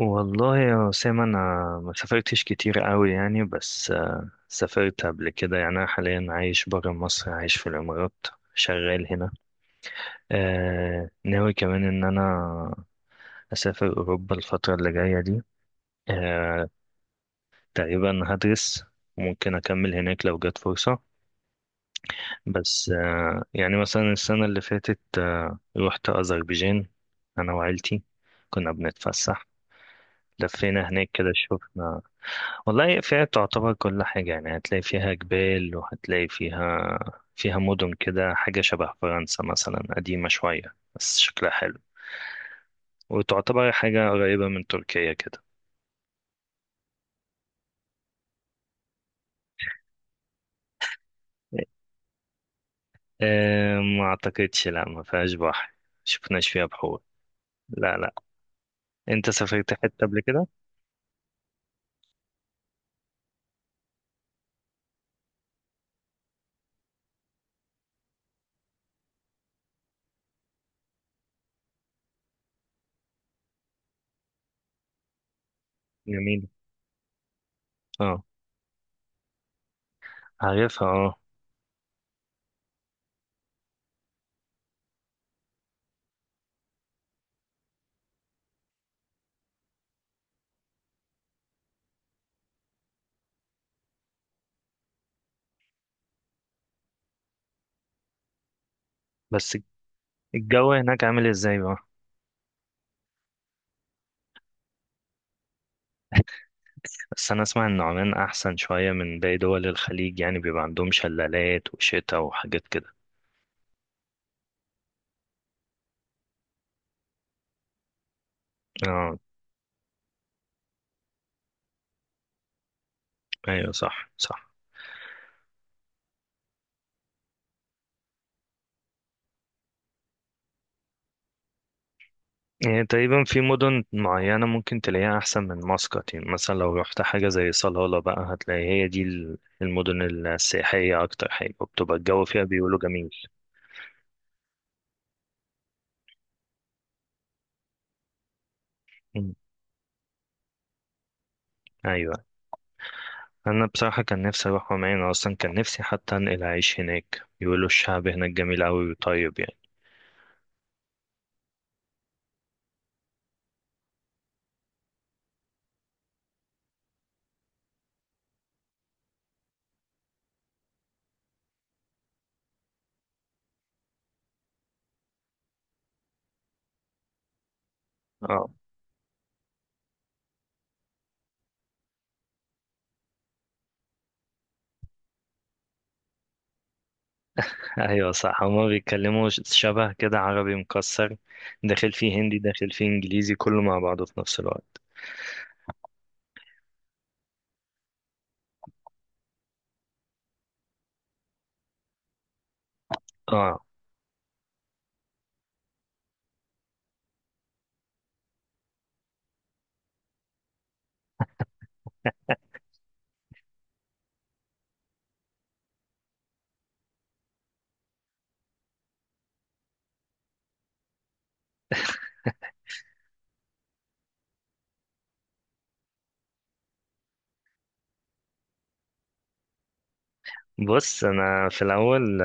والله يا أسامة، أنا ما سافرتش كتير قوي يعني. بس سافرت قبل كده يعني. أنا حاليا عايش برا مصر، عايش في الإمارات، شغال هنا. ناوي كمان إن أنا أسافر أوروبا الفترة اللي جاية دي. آه تقريبا هدرس، ممكن أكمل هناك لو جت فرصة. بس يعني مثلا السنة اللي فاتت رحت أذربيجان، أنا وعيلتي، كنا بنتفسح، لفينا هناك كده. شوف، والله فيها تعتبر كل حاجة يعني، هتلاقي فيها جبال، وهتلاقي فيها مدن كده، حاجة شبه فرنسا مثلا، قديمة شوية بس شكلها حلو، وتعتبر حاجة قريبة من تركيا كده. أه ما أعتقدش، لا ما فيهاش بحر، شفناش فيها بحور، لا لا. أنت سافرت حتة قبل كده؟ جميل، اه. عارفها، اه. بس الجو هناك عامل ازاي بقى؟ بس أنا أسمع إن عمان أحسن شوية من باقي دول الخليج، يعني بيبقى عندهم شلالات وشتا وحاجات كده. اه، ايوه صح صح. يعني تقريبا في مدن معينة ممكن تلاقيها أحسن من مسقط، يعني مثلا لو رحت حاجة زي صلالة بقى، هتلاقي هي دي المدن السياحية أكتر حاجة، وبتبقى الجو فيها بيقولوا جميل. مم. أيوة، أنا بصراحة كان نفسي أروح عمان، أنا أصلا كان نفسي حتى أنقل أعيش هناك، بيقولوا الشعب هناك جميل أوي وطيب يعني. اه. أيوة صح، هما بيتكلموا شبه كده عربي مكسر، داخل فيه هندي داخل فيه إنجليزي كله مع بعضه في نفس الوقت. اه، بص انا في الاول،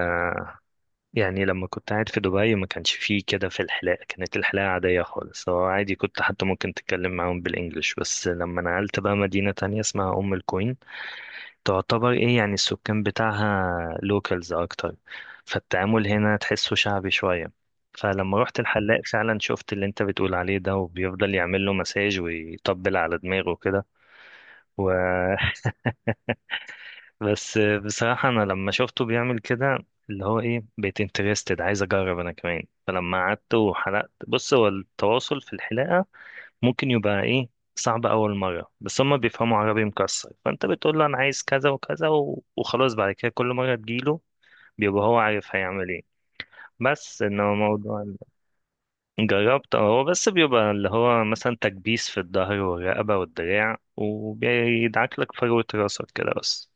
يعني لما كنت قاعد في دبي ما كانش فيه كده، في الحلاقة كانت الحلاقة عادية خالص، هو عادي كنت حتى ممكن تتكلم معاهم بالإنجلش. بس لما نقلت بقى مدينة تانية اسمها أم القوين، تعتبر إيه يعني السكان بتاعها لوكالز أكتر، فالتعامل هنا تحسه شعبي شوية. فلما رحت الحلاق فعلا شفت اللي انت بتقول عليه ده، وبيفضل يعمل له مساج ويطبل على دماغه كده. بس بصراحة أنا لما شفته بيعمل كده اللي هو إيه، بقيت انترستد عايز أجرب أنا كمان. فلما قعدت وحلقت، بص، هو التواصل في الحلاقة ممكن يبقى إيه، صعب أول مرة، بس هما بيفهموا عربي مكسر، فأنت بتقول له أنا عايز كذا وكذا وخلاص، بعد كده كل مرة تجيله بيبقى هو عارف هيعمل إيه. بس إنما موضوع جربت، أه، هو بس بيبقى اللي هو مثلا تكبيس في الظهر والرقبة والدراع، وبيدعك لك فروة راسك كده بس.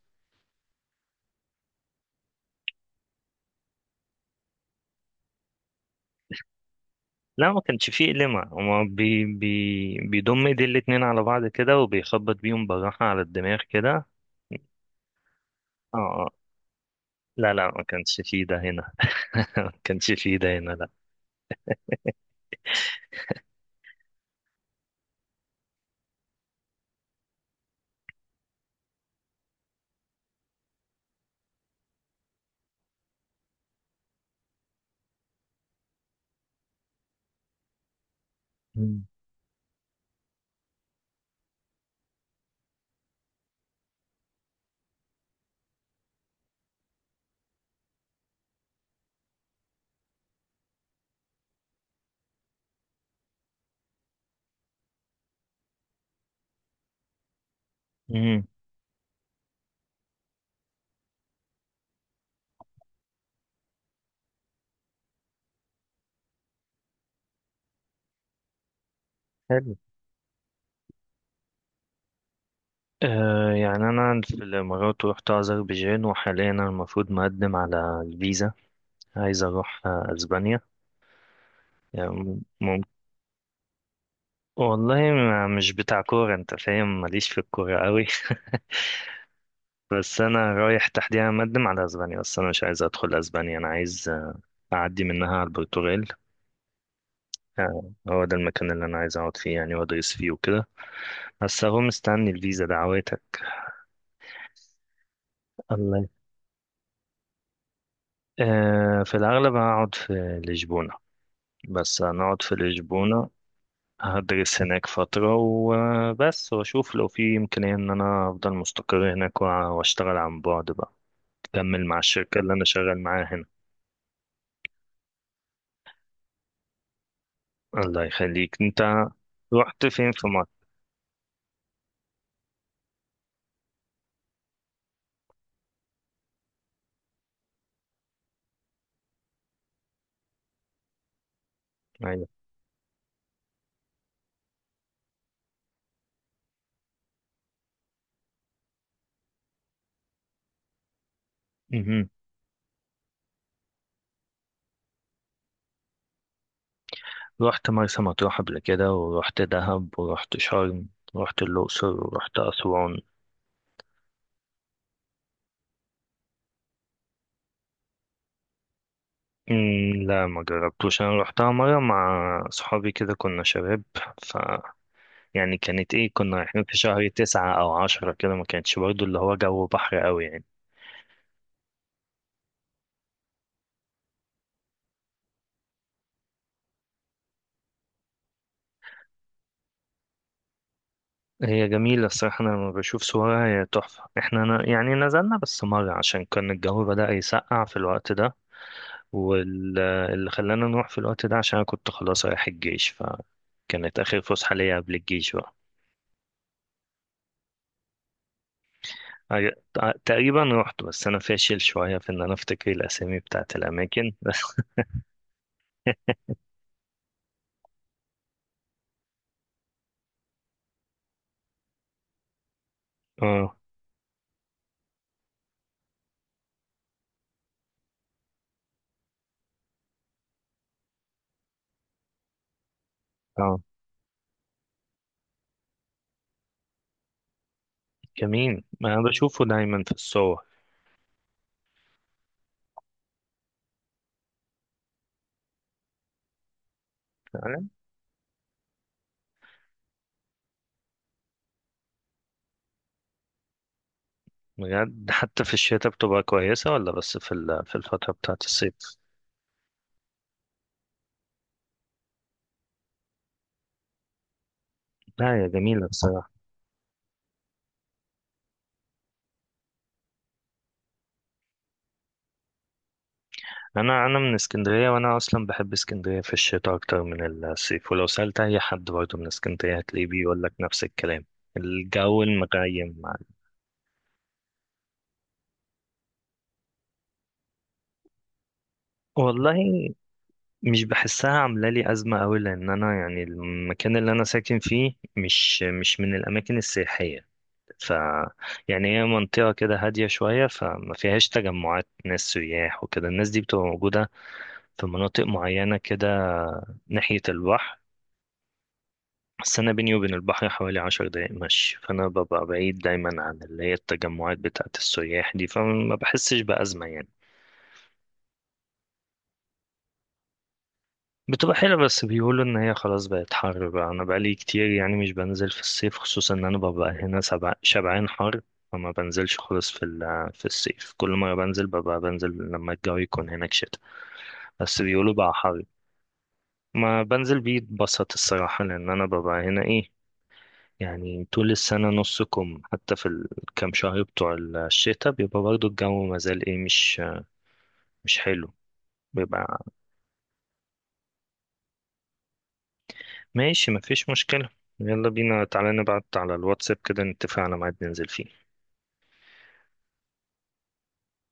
لا ما كانش فيه قلمة، هو بي بي بيضم ايدي الاتنين على بعض كده، وبيخبط بيهم بالراحة على الدماغ كده. اه، آه. لا لا ما كانش فيه ده هنا. ما كانش فيه ده هنا، لا. مم. مم. حلو، آه، يعني أنا في الإمارات رحت أذربيجان، وحاليا أنا المفروض مقدم على الفيزا، عايز أروح أسبانيا. يعني مم... مم- والله مش بتاع كورة أنت فاهم، ماليش في الكورة قوي. بس أنا رايح تحديدا مقدم على أسبانيا، بس أنا مش عايز أدخل أسبانيا، أنا عايز أعدي منها على البرتغال. هو ده المكان اللي أنا عايز أقعد فيه يعني، وأدرس فيه وكده، بس أهو مستني الفيزا، دعواتك. الله، آه، في الأغلب هقعد في لشبونة، بس هنقعد في لشبونة، هدرس هناك فترة وبس، وأشوف لو في إمكانية إن أنا أفضل مستقر هناك وأشتغل عن بعد بقى، أكمل مع الشركة اللي أنا شغال معاها هنا. الله يخليك أنت. رحت فين في مصر؟ أيوة. رحت مرسى مطروح قبل كده، ورحت دهب، ورحت شرم، ورحت الأقصر، ورحت أسوان. أمم، لا ما جربتوش، أنا رحتها مرة مع صحابي كده، كنا شباب. ف يعني كانت إيه، كنا رايحين في شهر 9 أو 10 كده، ما كانتش برضو اللي هو جو بحر أوي يعني. هي جميلة الصراحة، أنا لما بشوف صورها هي تحفة، إحنا يعني نزلنا بس مرة عشان كان الجو بدأ يسقع في الوقت ده، واللي خلانا نروح في الوقت ده عشان أنا كنت خلاص رايح الجيش، فكانت آخر فسحة ليا قبل الجيش بقى. عج- تقريبا رحت، بس أنا فاشل شوية في إن أنا أفتكر الأسامي بتاعت الأماكن. بس، اه اه. جميل، ما أنا بشوفه دايما في الصور. فعلا، بجد حتى في الشتاء بتبقى كويسة، ولا بس في في الفترة بتاعت الصيف؟ لا يا جميلة بصراحة. انا من اسكندريه، وانا اصلا بحب اسكندريه في الشتاء اكتر من الصيف، ولو سالت اي حد برضه من اسكندريه هتلاقيه بيقول لك نفس الكلام. الجو المغيم والله مش بحسها عامله لي ازمه قوي، لان انا يعني المكان اللي انا ساكن فيه مش من الاماكن السياحيه. ف يعني هي منطقه كده هاديه شويه، فما فيهاش تجمعات ناس سياح وكده، الناس دي بتبقى موجوده في مناطق معينه كده، ناحيه البحر. بس أنا بيني وبين البحر حوالي 10 دقايق مشي، فأنا ببقى بعيد دايما عن اللي هي التجمعات بتاعة السياح دي، فما بحسش بأزمة يعني. بتبقى حلوة، بس بيقولوا إن هي خلاص بقت حر بقى، أنا بقالي كتير يعني مش بنزل في الصيف، خصوصا إن أنا ببقى هنا شبعان حر، فما بنزلش خالص في في الصيف. كل مرة بنزل، ببقى بنزل لما الجو يكون هناك شتا، بس بيقولوا بقى حر. ما بنزل بيتبسط الصراحة لأن أنا ببقى هنا إيه، يعني طول السنة نص كم، حتى في الكام شهر بتوع الشتاء بيبقى برضو الجو مازال ايه، مش مش حلو، بيبقى. ماشي مفيش مشكلة. يلا بينا، تعالى نبعت على الواتساب كده نتفق على ميعاد ننزل فيه.